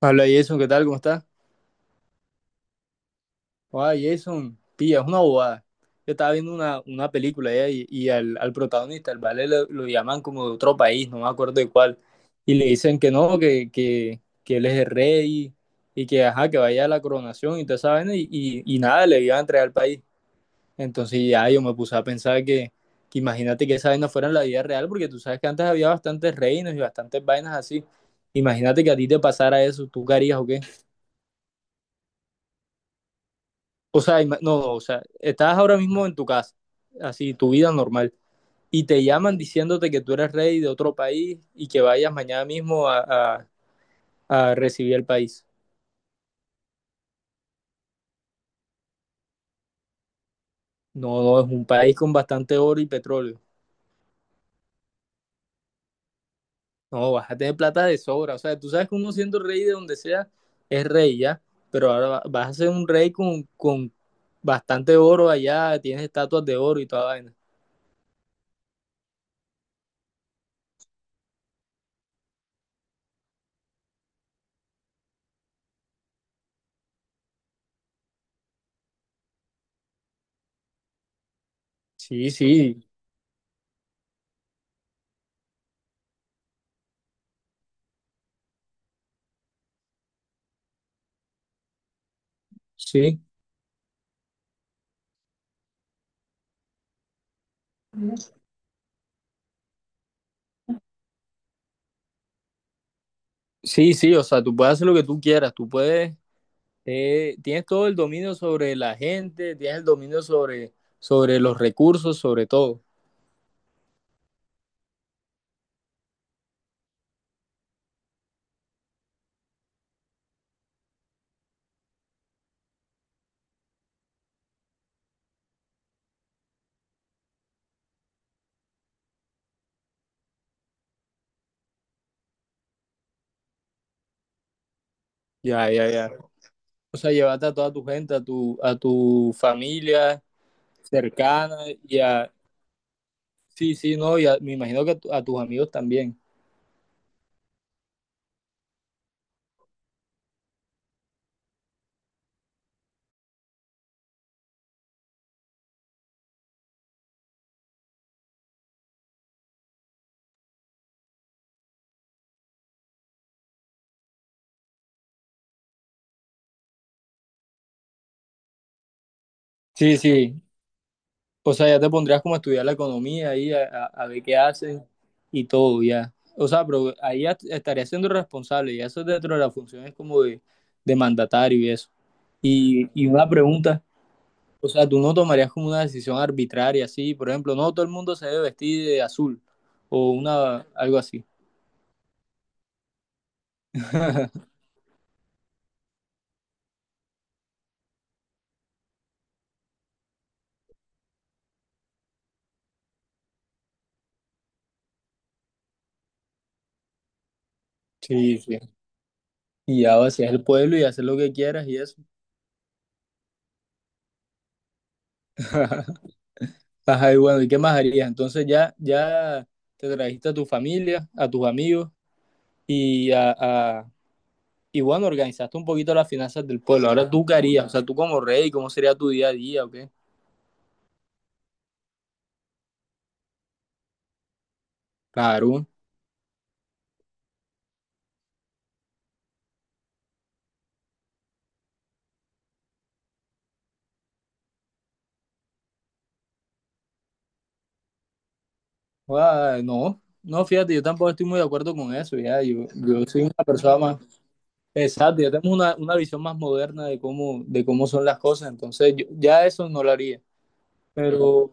Hola Jason, ¿qué tal? ¿Cómo estás? Hola Jason, pilla, es una bobada. Yo estaba viendo una película ya, y al protagonista, al vale, lo llaman como de otro país, no me acuerdo de cuál. Y le dicen que no, que él es el rey y, que ajá, que vaya a la coronación y toda esa vaina, y nada, le iban a entregar al país. Entonces ya yo me puse a pensar que imagínate que esa vaina fuera en la vida real, porque tú sabes que antes había bastantes reinos y bastantes vainas así. Imagínate que a ti te pasara eso, ¿tú qué harías o qué? O sea, no, no, o sea, estás ahora mismo en tu casa, así, tu vida normal, y te llaman diciéndote que tú eres rey de otro país y que vayas mañana mismo a- a recibir el país. No, no, es un país con bastante oro y petróleo. No, vas a tener plata de sobra. O sea, tú sabes que uno siendo rey de donde sea es rey ya, pero ahora vas a ser un rey con bastante oro allá, tienes estatuas de oro y toda vaina. Sí, sí, sí, sí, sí, o sea, tú puedes hacer lo que tú quieras, tú puedes. Tienes todo el dominio sobre la gente, tienes el dominio sobre, sobre los recursos, sobre todo. Ya, ya, ya. O sea, llevarte a toda tu gente, a tu familia cercana y a... Sí, sí, no, y me imagino que a tus amigos también. Sí, sí. O sea, ya te pondrías como a estudiar la economía ahí, a ver qué hacen y todo, ya. O sea, pero ahí ya estarías siendo responsable y eso es dentro de las funciones como de mandatario y eso. Y una pregunta. O sea, tú no tomarías como una decisión arbitraria, así, por ejemplo, no todo el mundo se debe vestir de azul o una algo así. Sí, sí. Y ya vacías el pueblo y hacer lo que quieras y eso. Ajá, y bueno, ¿y qué más harías? Entonces ya te trajiste a tu familia, a tus amigos y y bueno, organizaste un poquito las finanzas del pueblo. Ahora tú qué harías, o sea, tú como rey, ¿cómo sería tu día a día o qué? Claro. Ah, no, no, fíjate, yo tampoco estoy muy de acuerdo con eso, ya. Yo soy una persona más. Exacto, ya tenemos una visión más moderna de cómo son las cosas, entonces ya eso no lo haría, pero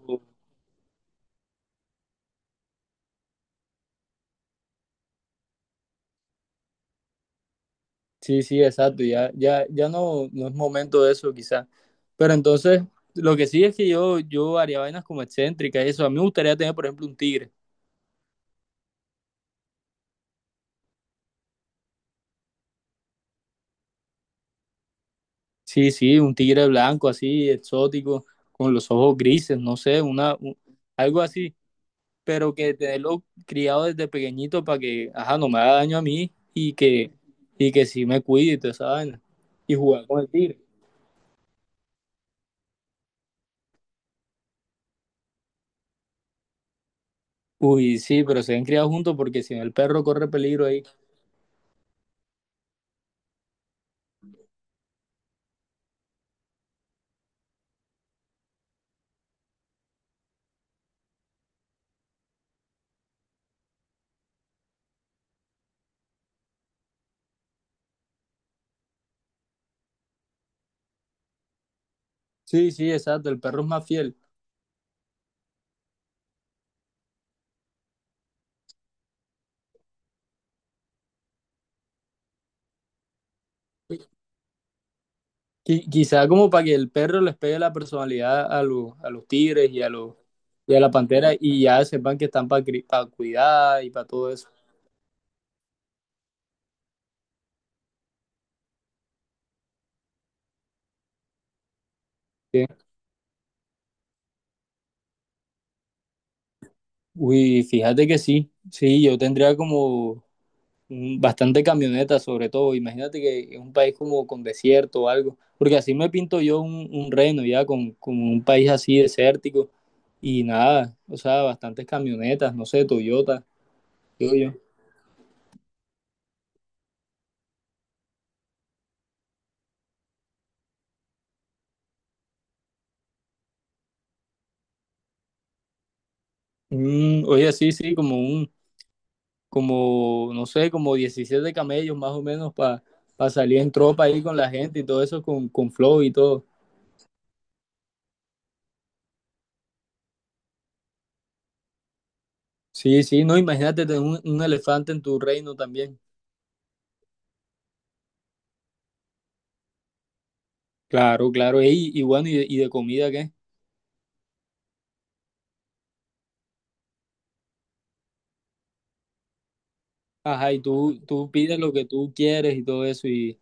sí, sí, exacto, ya, ya, ya no, no es momento de eso quizás, pero entonces lo que sí es que yo haría vainas como excéntricas, y eso, a mí me gustaría tener, por ejemplo, un tigre, sí, sí, un tigre blanco así, exótico, con los ojos grises, no sé, algo así. Pero que tenerlo criado desde pequeñito para que, ajá, no me haga daño a mí y que sí me cuide y toda esa vaina. Y jugar con el tigre. Uy, sí, pero se han criado juntos porque si no el perro corre peligro ahí. Sí, sí, exacto, el perro es más fiel. Quizá como para que el perro les pegue la personalidad a los tigres y a los y a la pantera y ya sepan que están para cuidar y para todo eso. Sí. Uy, fíjate que sí, sí, yo tendría como bastante camioneta sobre todo. Imagínate que es un país como con desierto o algo, porque así me pinto yo un reno ya con un país así desértico y nada, o sea, bastantes camionetas, no sé, Toyota, digo yo. Oye, sí, sí, como, no sé, como 17 camellos más o menos para salir en tropa ahí con la gente y todo eso con flow y todo. Sí, sí, no, imagínate tener un elefante en tu reino también. Claro, claro, ey, y, bueno, ¿y de comida qué? Ajá, y tú pides lo que tú quieres y todo eso, y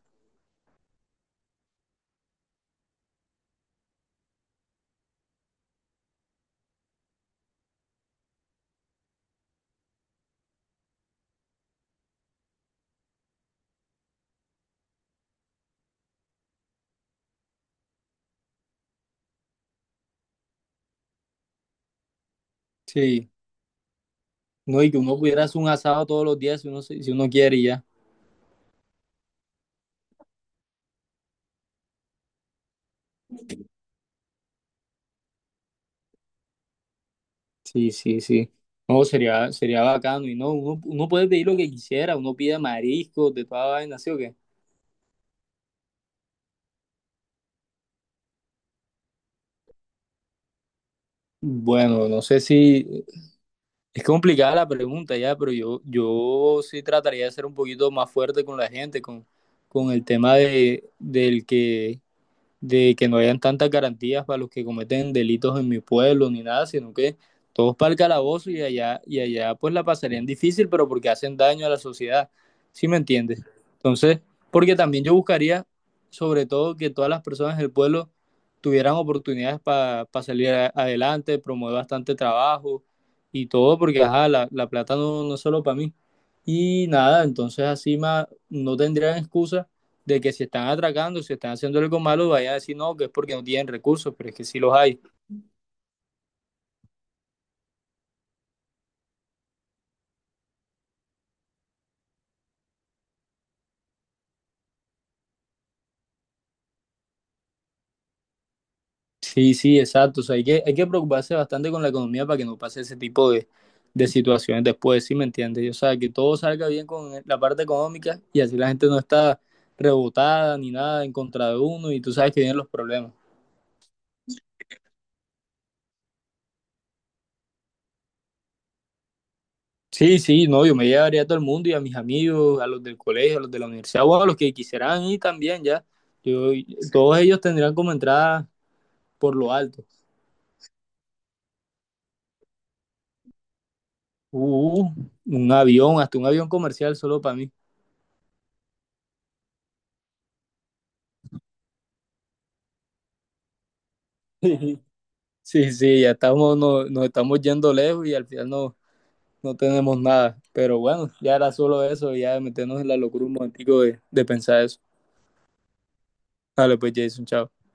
sí, no, y que uno pudiera hacer un asado todos los días si uno quiere y ya. Sí, sí, sí. No, sería bacano, y no, uno puede pedir lo que quisiera, uno pide mariscos, de toda vaina, ¿sí o qué? Bueno, no sé si es complicada la pregunta ya, pero yo sí trataría de ser un poquito más fuerte con la gente, con el tema de que no hayan tantas garantías para los que cometen delitos en mi pueblo ni nada, sino que todos para el calabozo y allá pues la pasarían difícil, pero porque hacen daño a la sociedad, ¿sí me entiendes? Entonces, porque también yo buscaría sobre todo que todas las personas del pueblo tuvieran oportunidades para pa salir adelante, promover bastante trabajo y todo, porque ajá, la plata no, no es solo para mí. Y nada, entonces así más no tendrían excusa de que si están atracando, si están haciendo algo malo, vayan a decir no, que es porque no tienen recursos, pero es que sí los hay. Sí, sí, exacto. O sea, hay que preocuparse bastante con la economía para que no pase ese tipo de situaciones después, ¿sí me entiendes? O sea, que todo salga bien con la parte económica y así la gente no está rebotada ni nada en contra de uno y tú sabes que vienen los problemas. Sí, sí, no, yo me llevaría a todo el mundo y a mis amigos, a los del colegio, a los de la universidad o a los que quisieran ir también ya. Yo, Todos ellos tendrían como entrada por lo alto. Uh, un avión, hasta un avión comercial solo para mí. Sí, sí, ya estamos, no- nos, estamos yendo lejos y al final no, no tenemos nada. Pero bueno, ya era solo eso, ya meternos en la locura un momentico de pensar eso. Dale, pues Jason, chao.